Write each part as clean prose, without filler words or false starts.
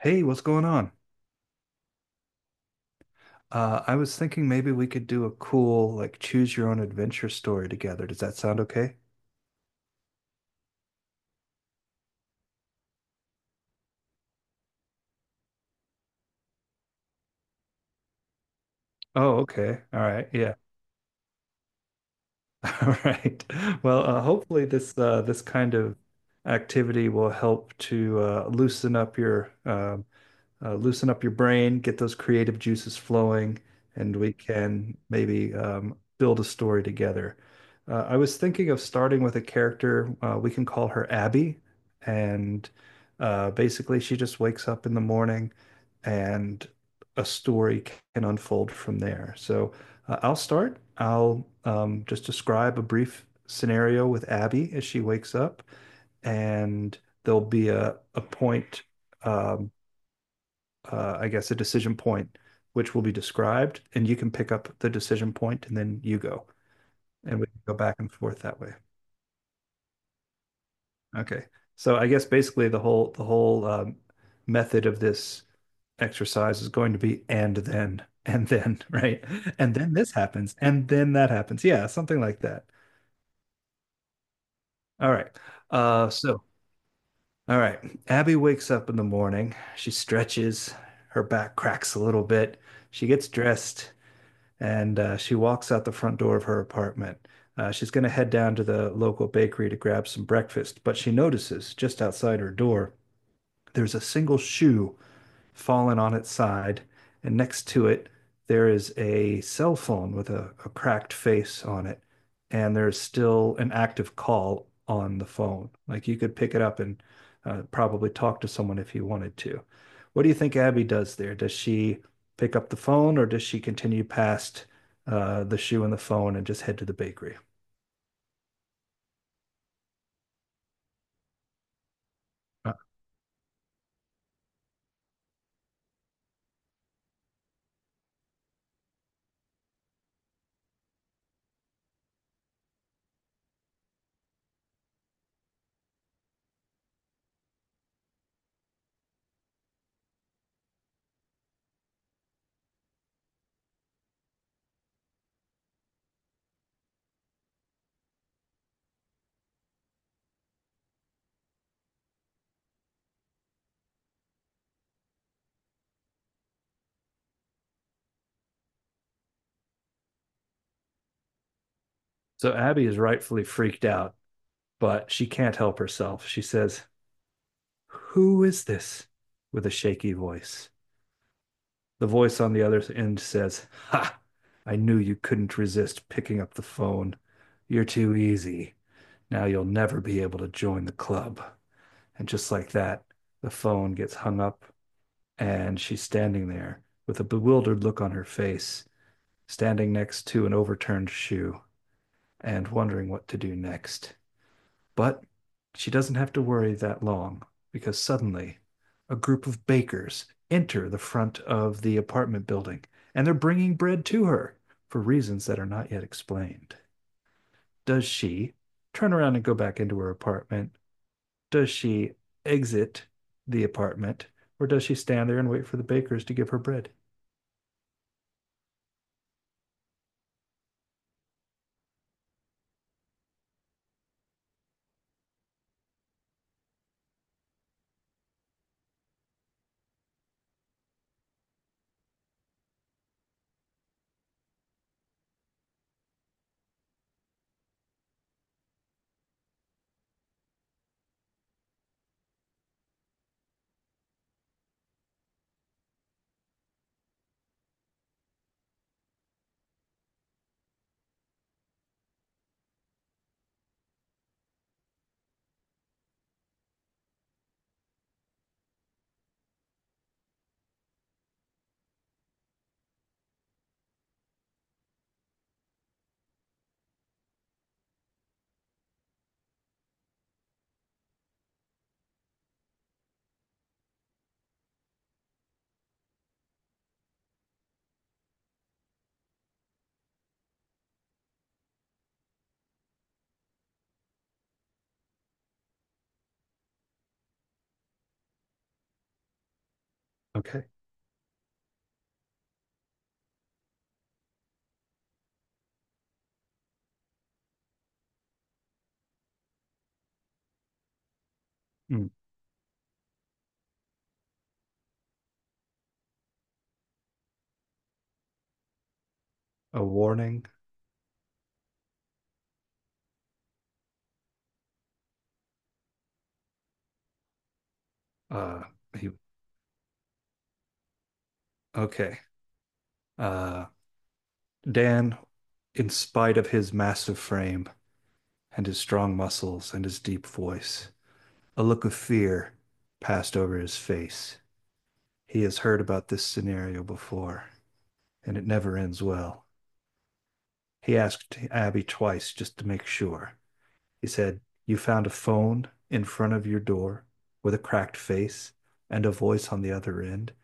Hey, what's going on? I was thinking maybe we could do a cool, like, choose your own adventure story together. Does that sound okay? Oh, okay. All right. Yeah. All right. Well, hopefully this kind of activity will help to loosen up your brain, get those creative juices flowing, and we can maybe build a story together. I was thinking of starting with a character, we can call her Abby. And basically, she just wakes up in the morning and a story can unfold from there. So I'll start. I'll just describe a brief scenario with Abby as she wakes up, and there'll be a point. um, I guess, a decision point, which will be described, and you can pick up the decision point, and then you go, and we can go back and forth that way. Okay. So I guess basically the whole method of this exercise is going to be and then and then right and then this happens and then that happens, yeah, something like that. All right. So all right, Abby wakes up in the morning, she stretches, her back cracks a little bit, she gets dressed, and she walks out the front door of her apartment. She's going to head down to the local bakery to grab some breakfast, but she notices just outside her door there's a single shoe fallen on its side, and next to it, there is a cell phone with a cracked face on it, and there's still an active call on the phone. Like you could pick it up and probably talk to someone if you wanted to. What do you think Abby does there? Does she pick up the phone or does she continue past the shoe and the phone and just head to the bakery? So Abby is rightfully freaked out, but she can't help herself. She says, "Who is this?" with a shaky voice. The voice on the other end says, "Ha! I knew you couldn't resist picking up the phone. You're too easy. Now you'll never be able to join the club." And just like that, the phone gets hung up, and she's standing there with a bewildered look on her face, standing next to an overturned shoe and wondering what to do next. But she doesn't have to worry that long because suddenly a group of bakers enter the front of the apartment building and they're bringing bread to her for reasons that are not yet explained. Does she turn around and go back into her apartment? Does she exit the apartment or does she stand there and wait for the bakers to give her bread? Okay. Mm. A warning. Uh, he, okay. Uh, Dan, in spite of his massive frame, and his strong muscles and his deep voice. A look of fear passed over his face. He has heard about this scenario before, and it never ends well. He asked Abby twice just to make sure. He said, "You found a phone in front of your door with a cracked face and a voice on the other end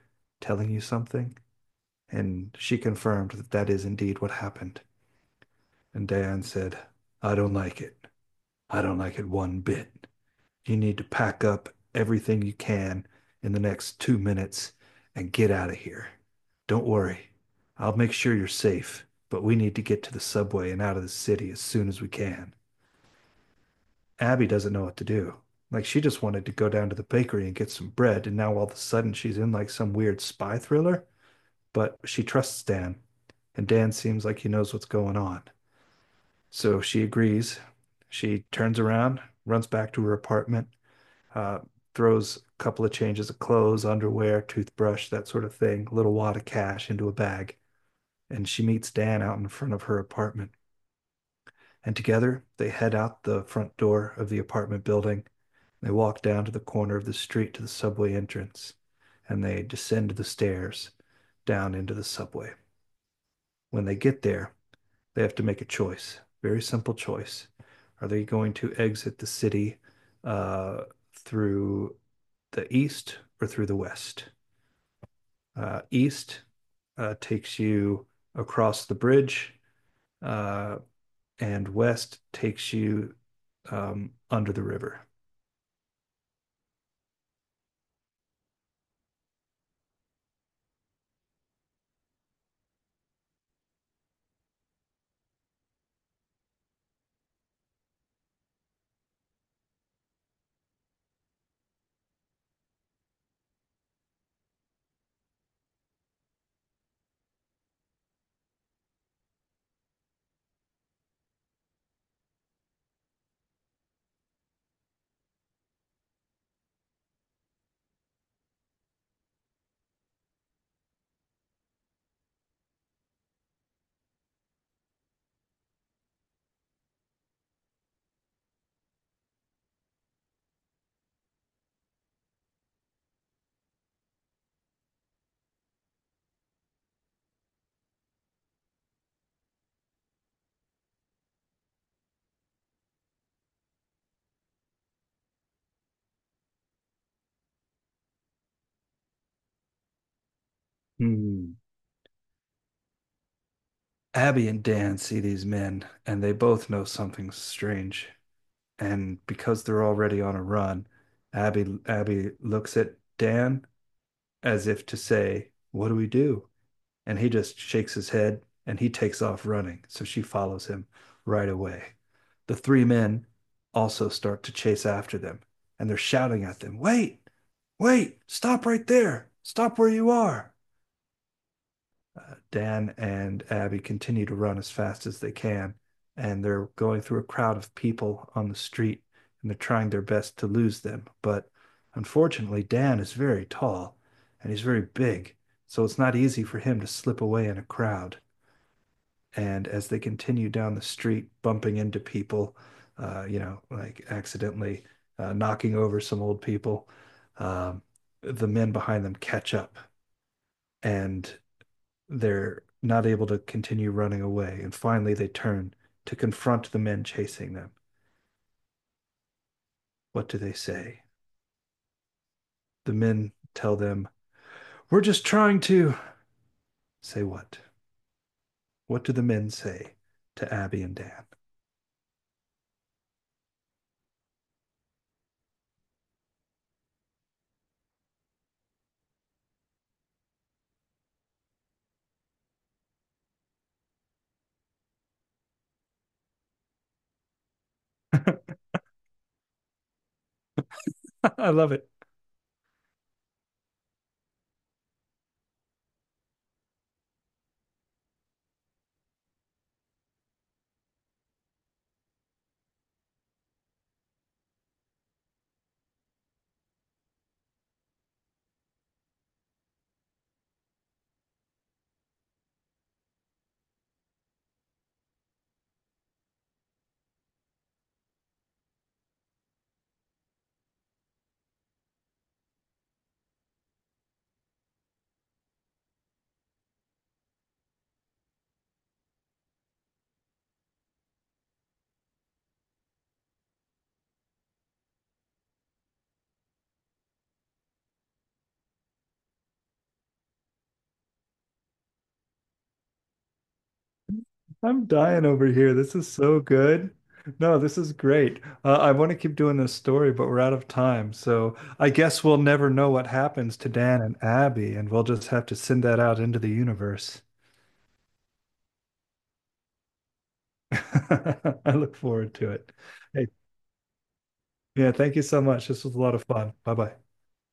telling you something?" And she confirmed that that is indeed what happened. And Diane said, "I don't like it. I don't like it one bit. You need to pack up everything you can in the next 2 minutes and get out of here. Don't worry, I'll make sure you're safe, but we need to get to the subway and out of the city as soon as we can." Abby doesn't know what to do. Like, she just wanted to go down to the bakery and get some bread, and now all of a sudden she's in like some weird spy thriller. But she trusts Dan, and Dan seems like he knows what's going on. So she agrees. She turns around, runs back to her apartment, uh, throws a couple of changes of clothes, underwear, toothbrush, that sort of thing, a little wad of cash into a bag. And she meets Dan out in front of her apartment. And together they head out the front door of the apartment building. They walk down to the corner of the street to the subway entrance and they descend the stairs down into the subway. When they get there, they have to make a choice, very simple choice. Are they going to exit the city uh, through the east or through the west? East takes you across the bridge, uh, and west takes you under the river. Hmm. Abby and Dan see these men, and they both know something's strange. And because they're already on a run, Abby looks at Dan as if to say, "What do we do?" And he just shakes his head and he takes off running. So she follows him right away. The three men also start to chase after them and they're shouting at them, "Wait, wait, stop right there, stop where you are." Dan and Abby continue to run as fast as they can, and they're going through a crowd of people on the street and they're trying their best to lose them. But unfortunately, Dan is very tall and he's very big, so it's not easy for him to slip away in a crowd. And as they continue down the street, bumping into people, you know, like accidentally knocking over some old people, um, the men behind them catch up and they're not able to continue running away. And finally, they turn to confront the men chasing them. What do they say? The men tell them, "We're just trying to" say what? What do the men say to Abby and Dan? I love it. I'm dying over here. This is so good. No, this is great. I want to keep doing this story, but we're out of time. So I guess we'll never know what happens to Dan and Abby, and we'll just have to send that out into the universe. I look forward to it. Hey, yeah, thank you so much. This was a lot of fun. Bye bye.